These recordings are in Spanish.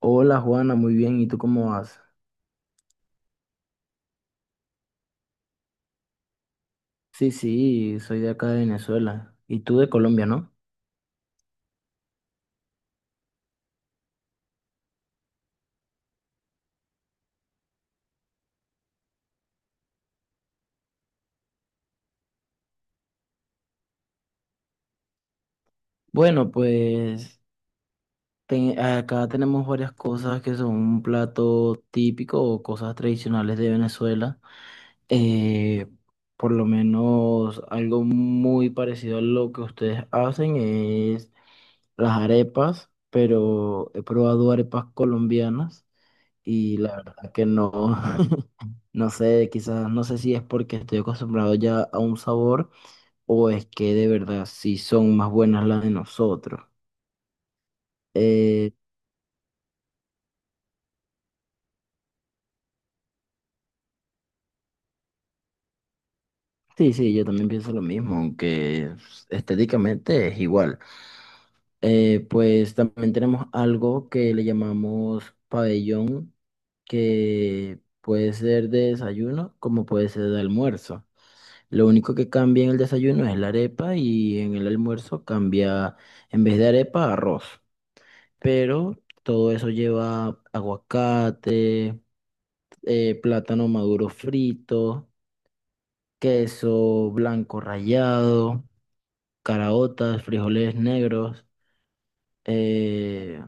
Hola Juana, muy bien. ¿Y tú cómo vas? Sí, sí, soy de acá de Venezuela. Y tú de Colombia, ¿no? Bueno, pues acá tenemos varias cosas que son un plato típico o cosas tradicionales de Venezuela. Eh, por lo menos algo muy parecido a lo que ustedes hacen es las arepas, pero he probado arepas colombianas y la verdad que no, no sé, quizás, no sé si es porque estoy acostumbrado ya a un sabor o es que de verdad sí son más buenas las de nosotros. Eh, sí, sí, yo también pienso lo mismo, aunque estéticamente es igual. Pues también tenemos algo que le llamamos pabellón, que puede ser de desayuno como puede ser de almuerzo. Lo único que cambia en el desayuno es la arepa y en el almuerzo cambia, en vez de arepa, arroz. Pero todo eso lleva aguacate, plátano maduro frito, queso blanco rallado, caraotas, frijoles negros. eh,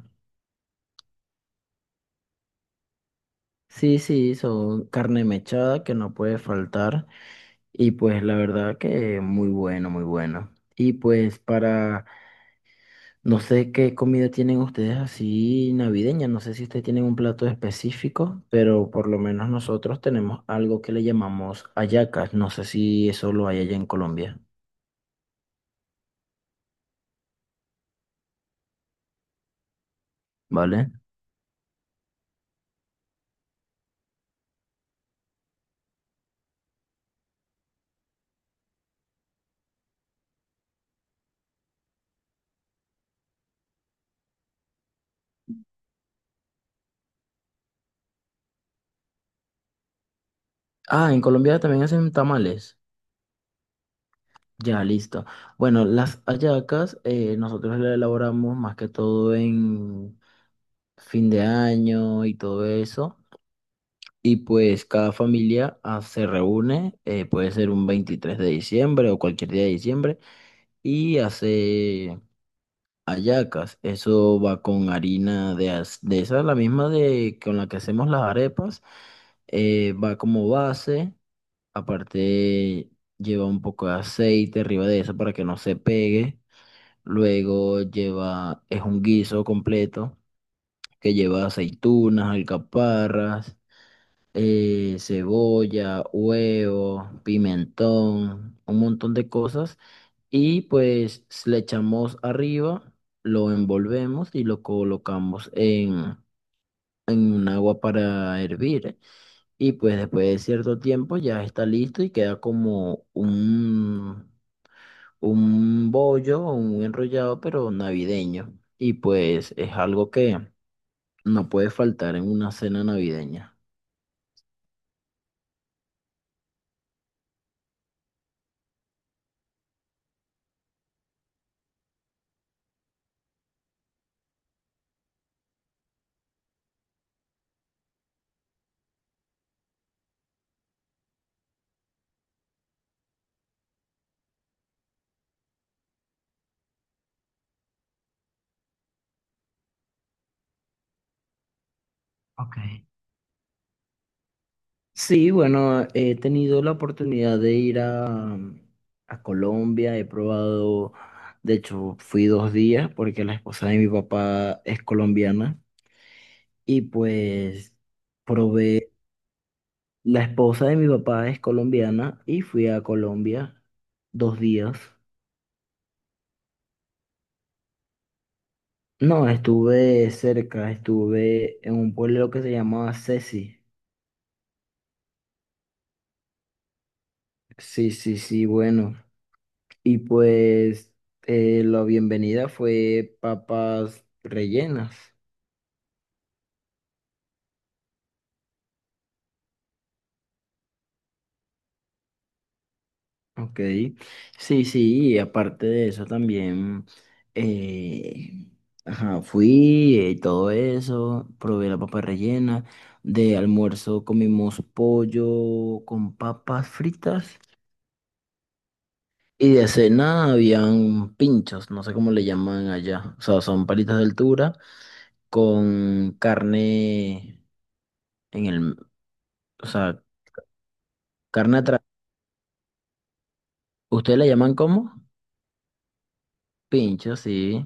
sí, sí, son carne mechada que no puede faltar y pues la verdad que muy bueno, muy bueno. Y pues para... No sé qué comida tienen ustedes así navideña, no sé si ustedes tienen un plato específico, pero por lo menos nosotros tenemos algo que le llamamos hallacas, no sé si eso lo hay allá en Colombia, ¿vale? Ah, en Colombia también hacen tamales, ya listo. Bueno, las hallacas nosotros las elaboramos más que todo en fin de año y todo eso. Y pues cada familia se reúne, puede ser un 23 de diciembre o cualquier día de diciembre y hace hallacas. Eso va con harina de, de esa, la misma de con la que hacemos las arepas. Va como base, aparte lleva un poco de aceite arriba de eso para que no se pegue. Luego lleva, es un guiso completo que lleva aceitunas, alcaparras, cebolla, huevo, pimentón, un montón de cosas y pues le echamos arriba, lo envolvemos y lo colocamos en un agua para hervir. ¿Eh? Y pues después de cierto tiempo ya está listo y queda como un bollo o un enrollado, pero navideño. Y pues es algo que no puede faltar en una cena navideña. Ok. Sí, bueno, he tenido la oportunidad de ir a Colombia, he probado, de hecho fui 2 días porque la esposa de mi papá es colombiana y pues probé, la esposa de mi papá es colombiana y fui a Colombia 2 días. No, estuve cerca, estuve en un pueblo que se llamaba Ceci. Sí, sí, sí, bueno. Y pues la bienvenida fue papas rellenas. Ok. Sí, sí, y aparte de eso también, eh, ajá, fui y todo eso, probé la papa rellena. De almuerzo comimos pollo con papas fritas. Y de cena habían pinchos, no sé cómo le llaman allá. O sea, son palitas de altura con carne en el, o sea, carne atrás. ¿Ustedes la llaman como? Pinchos sí.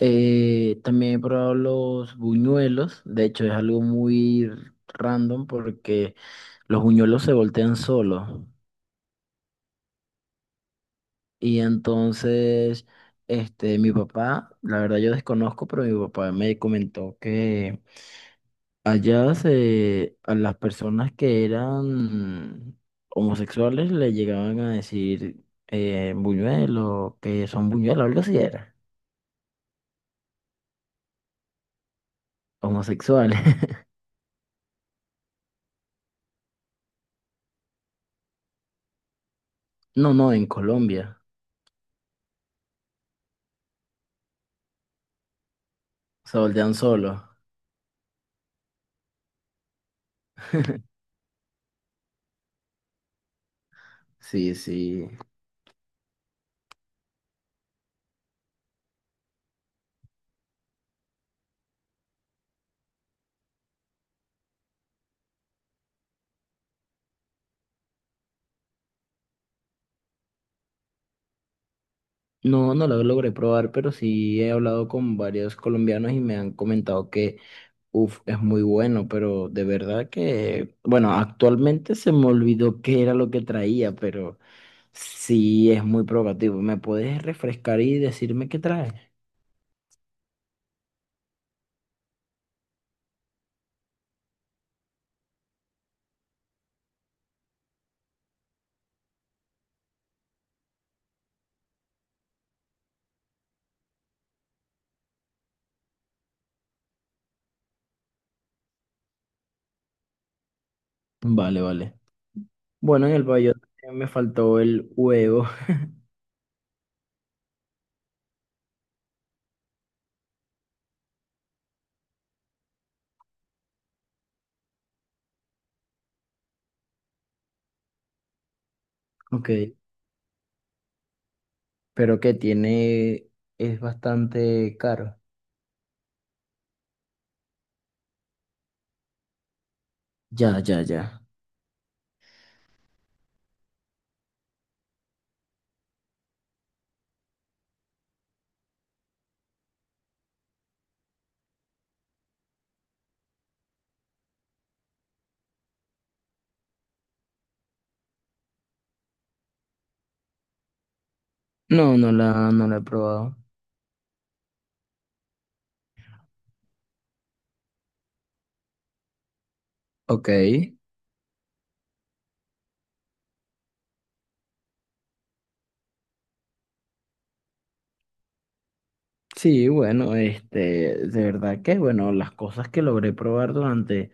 También he probado los buñuelos. De hecho, es algo muy random porque los buñuelos se voltean solos. Y entonces, este, mi papá, la verdad yo desconozco, pero mi papá me comentó que allá se, a las personas que eran homosexuales le llegaban a decir buñuelo, que son buñuelos, algo así era, homosexuales. No, no, en Colombia. Se voltean solo. Sí, sí. No, no lo logré probar, pero sí he hablado con varios colombianos y me han comentado que, uff, es muy bueno, pero de verdad que, bueno, actualmente se me olvidó qué era lo que traía, pero sí es muy provocativo. ¿Me puedes refrescar y decirme qué trae? Vale, vale. Bueno, en el bayote me faltó el huevo, ok, pero que tiene, es bastante caro. Ya, ya, ya. No, no la, no la he probado. Ok. Sí, bueno, este, de verdad que, bueno, las cosas que logré probar durante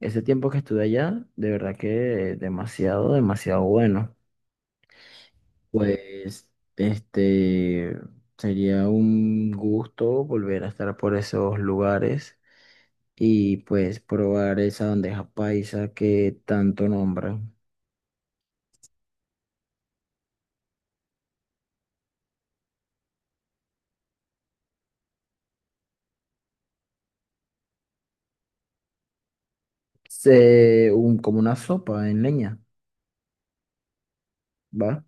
ese tiempo que estuve allá, de verdad que demasiado, demasiado bueno. Pues, este, sería un gusto volver a estar por esos lugares y pues probar esa bandeja paisa que tanto nombran. Se, un, como una sopa en leña, ¿va?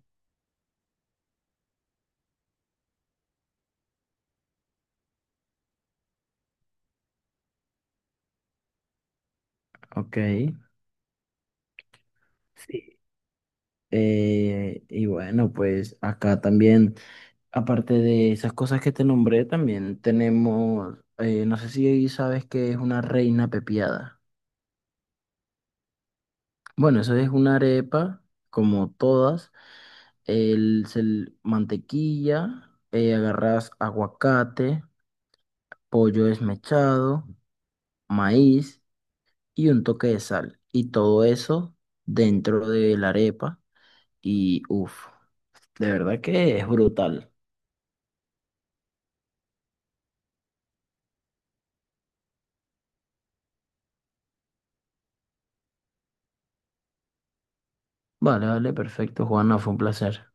Ok. Sí. Y bueno, pues acá también, aparte de esas cosas que te nombré, también tenemos, no sé si sabes qué es una reina pepiada. Bueno, eso es una arepa, como todas, el, mantequilla, agarras aguacate, pollo desmechado, maíz y un toque de sal. Y todo eso dentro de la arepa y uff, de verdad que es brutal. Vale, vale, perfecto, Juan, no, fue un placer.